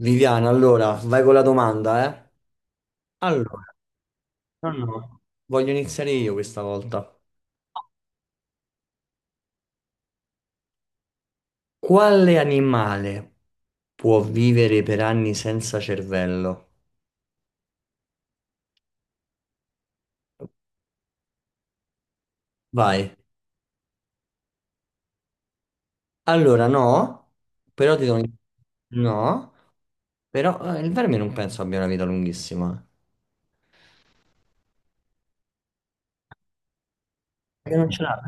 Viviana, allora, vai con la domanda, eh? Allora, no, Mm. No, voglio iniziare io questa volta. Quale animale può vivere per anni senza cervello? Vai. Allora, no, però ti do... un- No, però il verme non penso abbia una vita lunghissima. Perché non ce l'ha?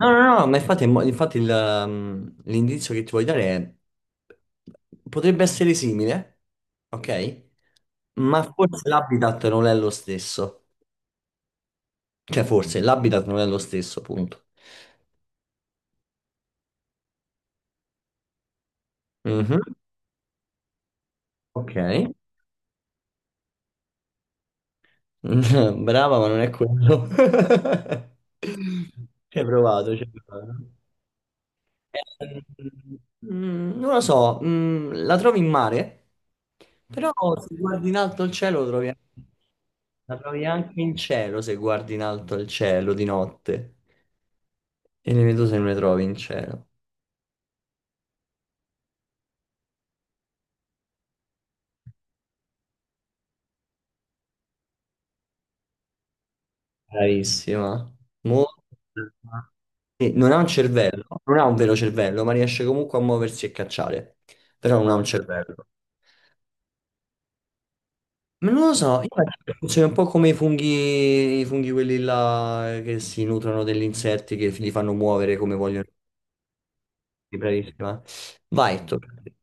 No, no, no, ma infatti, mo- infatti il l'indizio che ti voglio dare è... Potrebbe essere simile, ok? Ma forse l'habitat non è lo stesso. Cioè, forse l'habitat non è lo stesso, punto. Mhm. Ok. Brava, ma non è quello. Ci hai provato, ci hai provato. Mm, non lo so, mm, la trovi in mare, però se guardi in alto il cielo lo trovi anche- la trovi anche in cielo se guardi in alto il cielo di notte. E le meduse non le trovi in cielo. Bravissima. Molto brava. Sì. Non ha un cervello, non ha un vero cervello, ma riesce comunque a muoversi e cacciare. Però non ha un cervello. Ma non lo so, io penso che funzioni un po' come i funghi quelli là che si nutrono degli insetti che li fanno muovere come vogliono. Bravissima. Vai, tocca a te.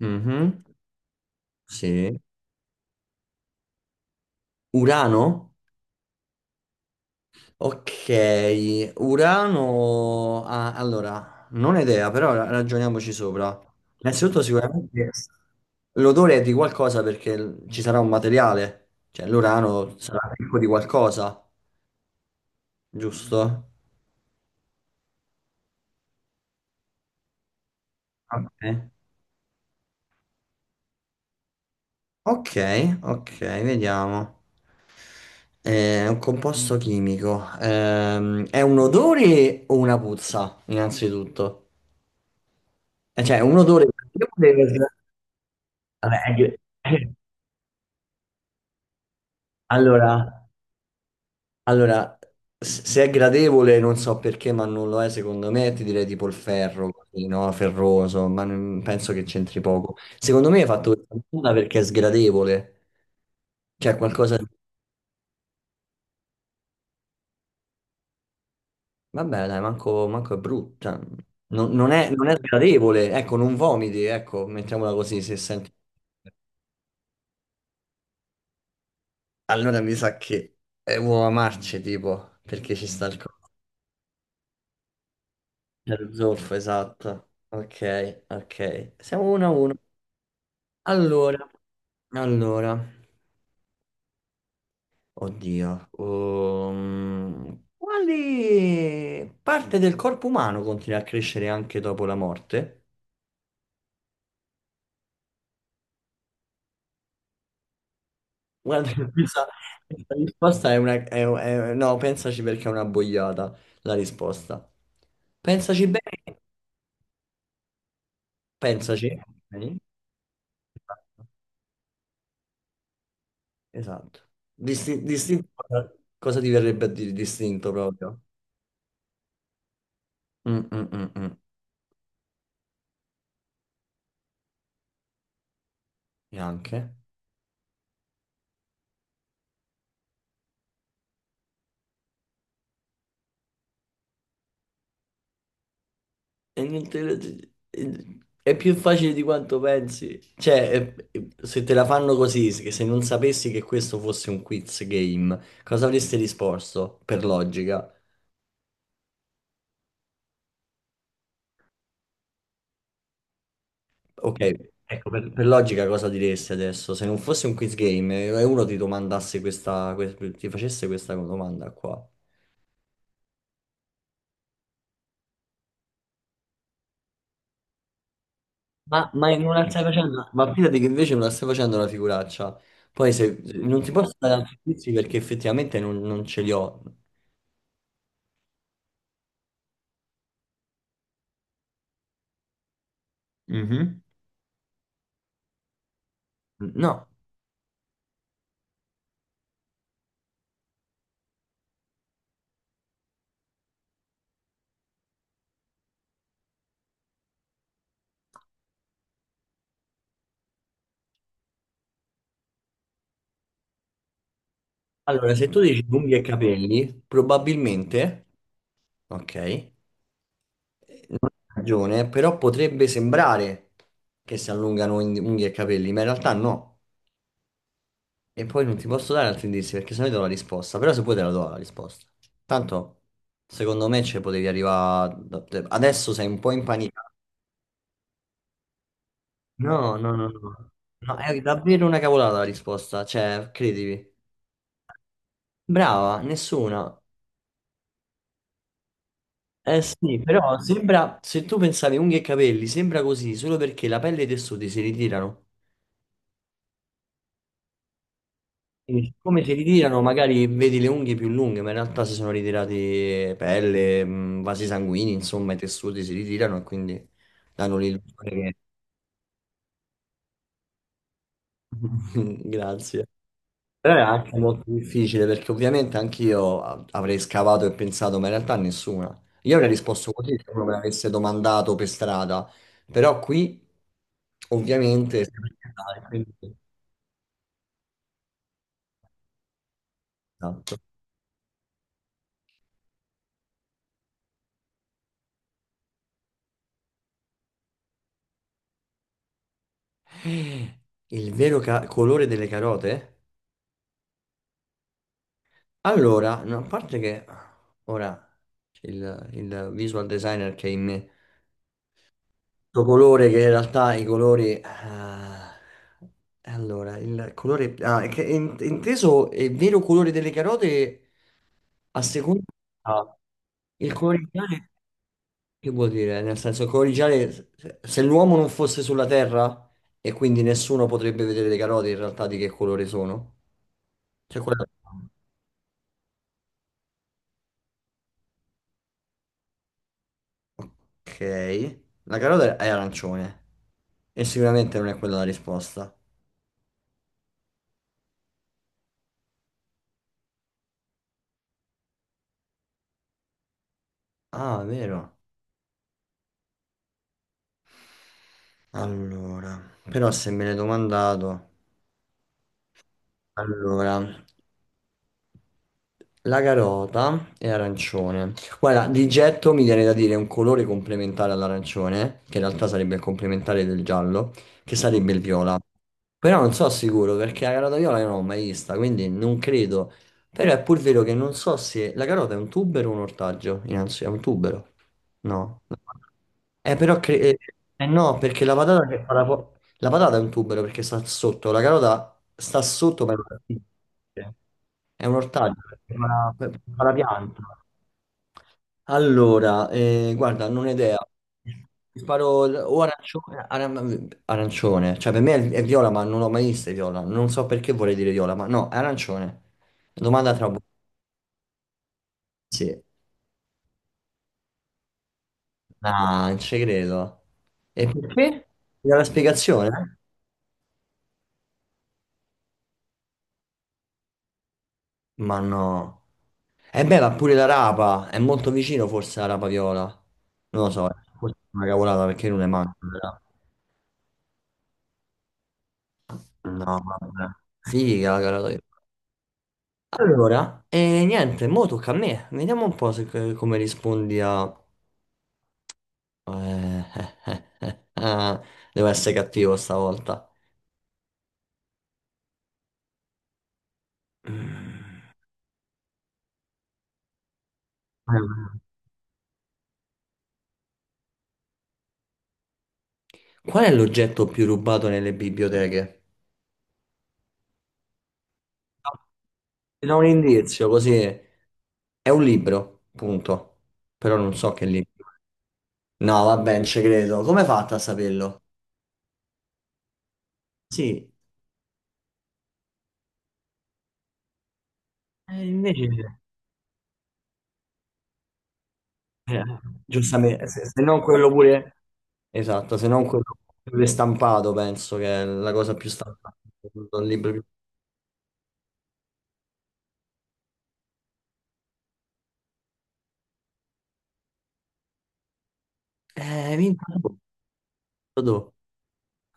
Mhm. Sì. Urano? Ok, Urano... ah, allora, non ho idea, però ra- ragioniamoci sopra. Innanzitutto sicuramente l'odore è di qualcosa perché l- ci sarà un materiale, cioè l'Urano sarà ricco di qualcosa, giusto? Ok, ok, ok, vediamo. È un composto chimico. È un odore o una puzza, innanzitutto? Cioè, un odore... Vabbè, è- che- Allora, allora, s- se è gradevole, non so perché, ma non lo è secondo me, ti direi tipo il ferro, così, no? Ferroso, ma non- penso che c'entri poco. Secondo me hai fatto questa domanda perché è sgradevole, cioè qualcosa di... Vabbè, dai, manco, manco è brutta. Non è, non è sgradevole, ecco, non vomiti, ecco, mettiamola così, se senti... Allora mi sa che è uova marce, tipo, perché ci sta il... co- c'è lo zolfo, esatto. Ok, ok. Siamo uno a uno. Allora... Allora, oddio, quale parte del corpo umano continua a crescere anche dopo la morte? Guarda, questa risposta è una... è- no, pensaci perché è una boiata la risposta. Pensaci bene, pensaci. Ok? Esatto. Disti- distinto, cosa ti verrebbe a dire distinto proprio? Mm, mm, mm, mm. Neanche. E non te la- È più facile di quanto pensi. Cioè, è- se te la fanno così, se non sapessi che questo fosse un quiz game, cosa avresti risposto per logica? Ok, ecco, per logica cosa diresti adesso? Se non fosse un quiz game e uno ti domandasse questa, que- ti facesse questa domanda qua. Ma non la stai facendo? Ma fidati che invece non la stai facendo una figuraccia. Poi se, non ti posso dare altri quiz perché effettivamente non ce li ho. Mhm. No. Allora, se tu dici unghie e capelli, probabilmente, ok, non hai ragione, però potrebbe sembrare che si allungano in- unghie e capelli, ma in realtà no. E poi non ti posso dare altri indizi perché sennò ti do la risposta, però se puoi te la do la risposta. Tanto, secondo me ci potevi arrivare... da- te- Adesso sei un po' impanicato. No, no, no, no. No, è davvero una cavolata la risposta, cioè, credimi. Brava, nessuna. Eh sì, però sembra, se tu pensavi unghie e capelli, sembra così solo perché la pelle e i tessuti si ritirano. Quindi, come si ritirano, magari vedi le unghie più lunghe, ma in realtà si sono ritirati pelle, vasi sanguigni, insomma, i tessuti si ritirano e quindi danno l'illusione che... Grazie. Però è anche molto difficile perché ovviamente anch'io a- avrei scavato e pensato, ma in realtà nessuna. Io avrei risposto così se uno me l'avesse domandato per strada, però qui ovviamente... quindi- Esatto. Il vero ca- colore delle carote? Allora, no, a parte che ora il visual designer che è in me Questo colore che in realtà i colori... ah, allora, il colore... Ah, è che è in- inteso è il vero colore delle carote a seconda... ah, il colore ideale che vuol dire? Nel senso, il colore ideale, se l'uomo non fosse sulla Terra e quindi nessuno potrebbe vedere le carote in realtà di che colore sono. Cioè, quella- Ok, la carota è arancione e sicuramente non è quella la risposta. Ah, vero. Allora, però se me l'hai domandato... Allora, la carota è arancione. Guarda, di getto mi viene da dire un colore complementare all'arancione, che in realtà sarebbe il complementare del giallo, che sarebbe il viola. Però non so sicuro perché la carota viola io non l'ho mai vista, quindi non credo. Però è pur vero che non so se la carota è un tubero o un ortaggio. Innanzi, è un tubero. No. Eh, però cre- eh, eh no, perché la patata che fa la, po- la patata è un tubero perché sta sotto, la carota sta sotto per è un ortaggio per la pianta. Allora, guarda, non ho idea. Ti sparo l- o arancione, aran- arancione. Cioè, per me è viola, ma non l'ho mai vista è viola. Non so perché vorrei dire viola, ma no, è arancione. Domanda tra bu- Sì. Ah, non ci credo. E perché? Mi dà la spiegazione? Ma no. E beh, ma pure la rapa. È molto vicino forse alla rapa viola. Non lo so, forse è una cavolata perché non è manco. No, vabbè. Figa la gara d'olio. Allora, e niente, mo tocca a me. Vediamo un po' se, come rispondi a... eh, eh. Devo essere cattivo stavolta. Mm. Qual è l'oggetto più rubato nelle biblioteche? Ti do un indizio, così è un libro, punto. Però non so che libro. No, vabbè, non ci credo. Come hai fatto a saperlo? Sì, invece. Eh, giustamente, se, se non quello pure, esatto, se non quello pure stampato, penso che è la cosa più stampata, un libro più... minchia, boh, boh.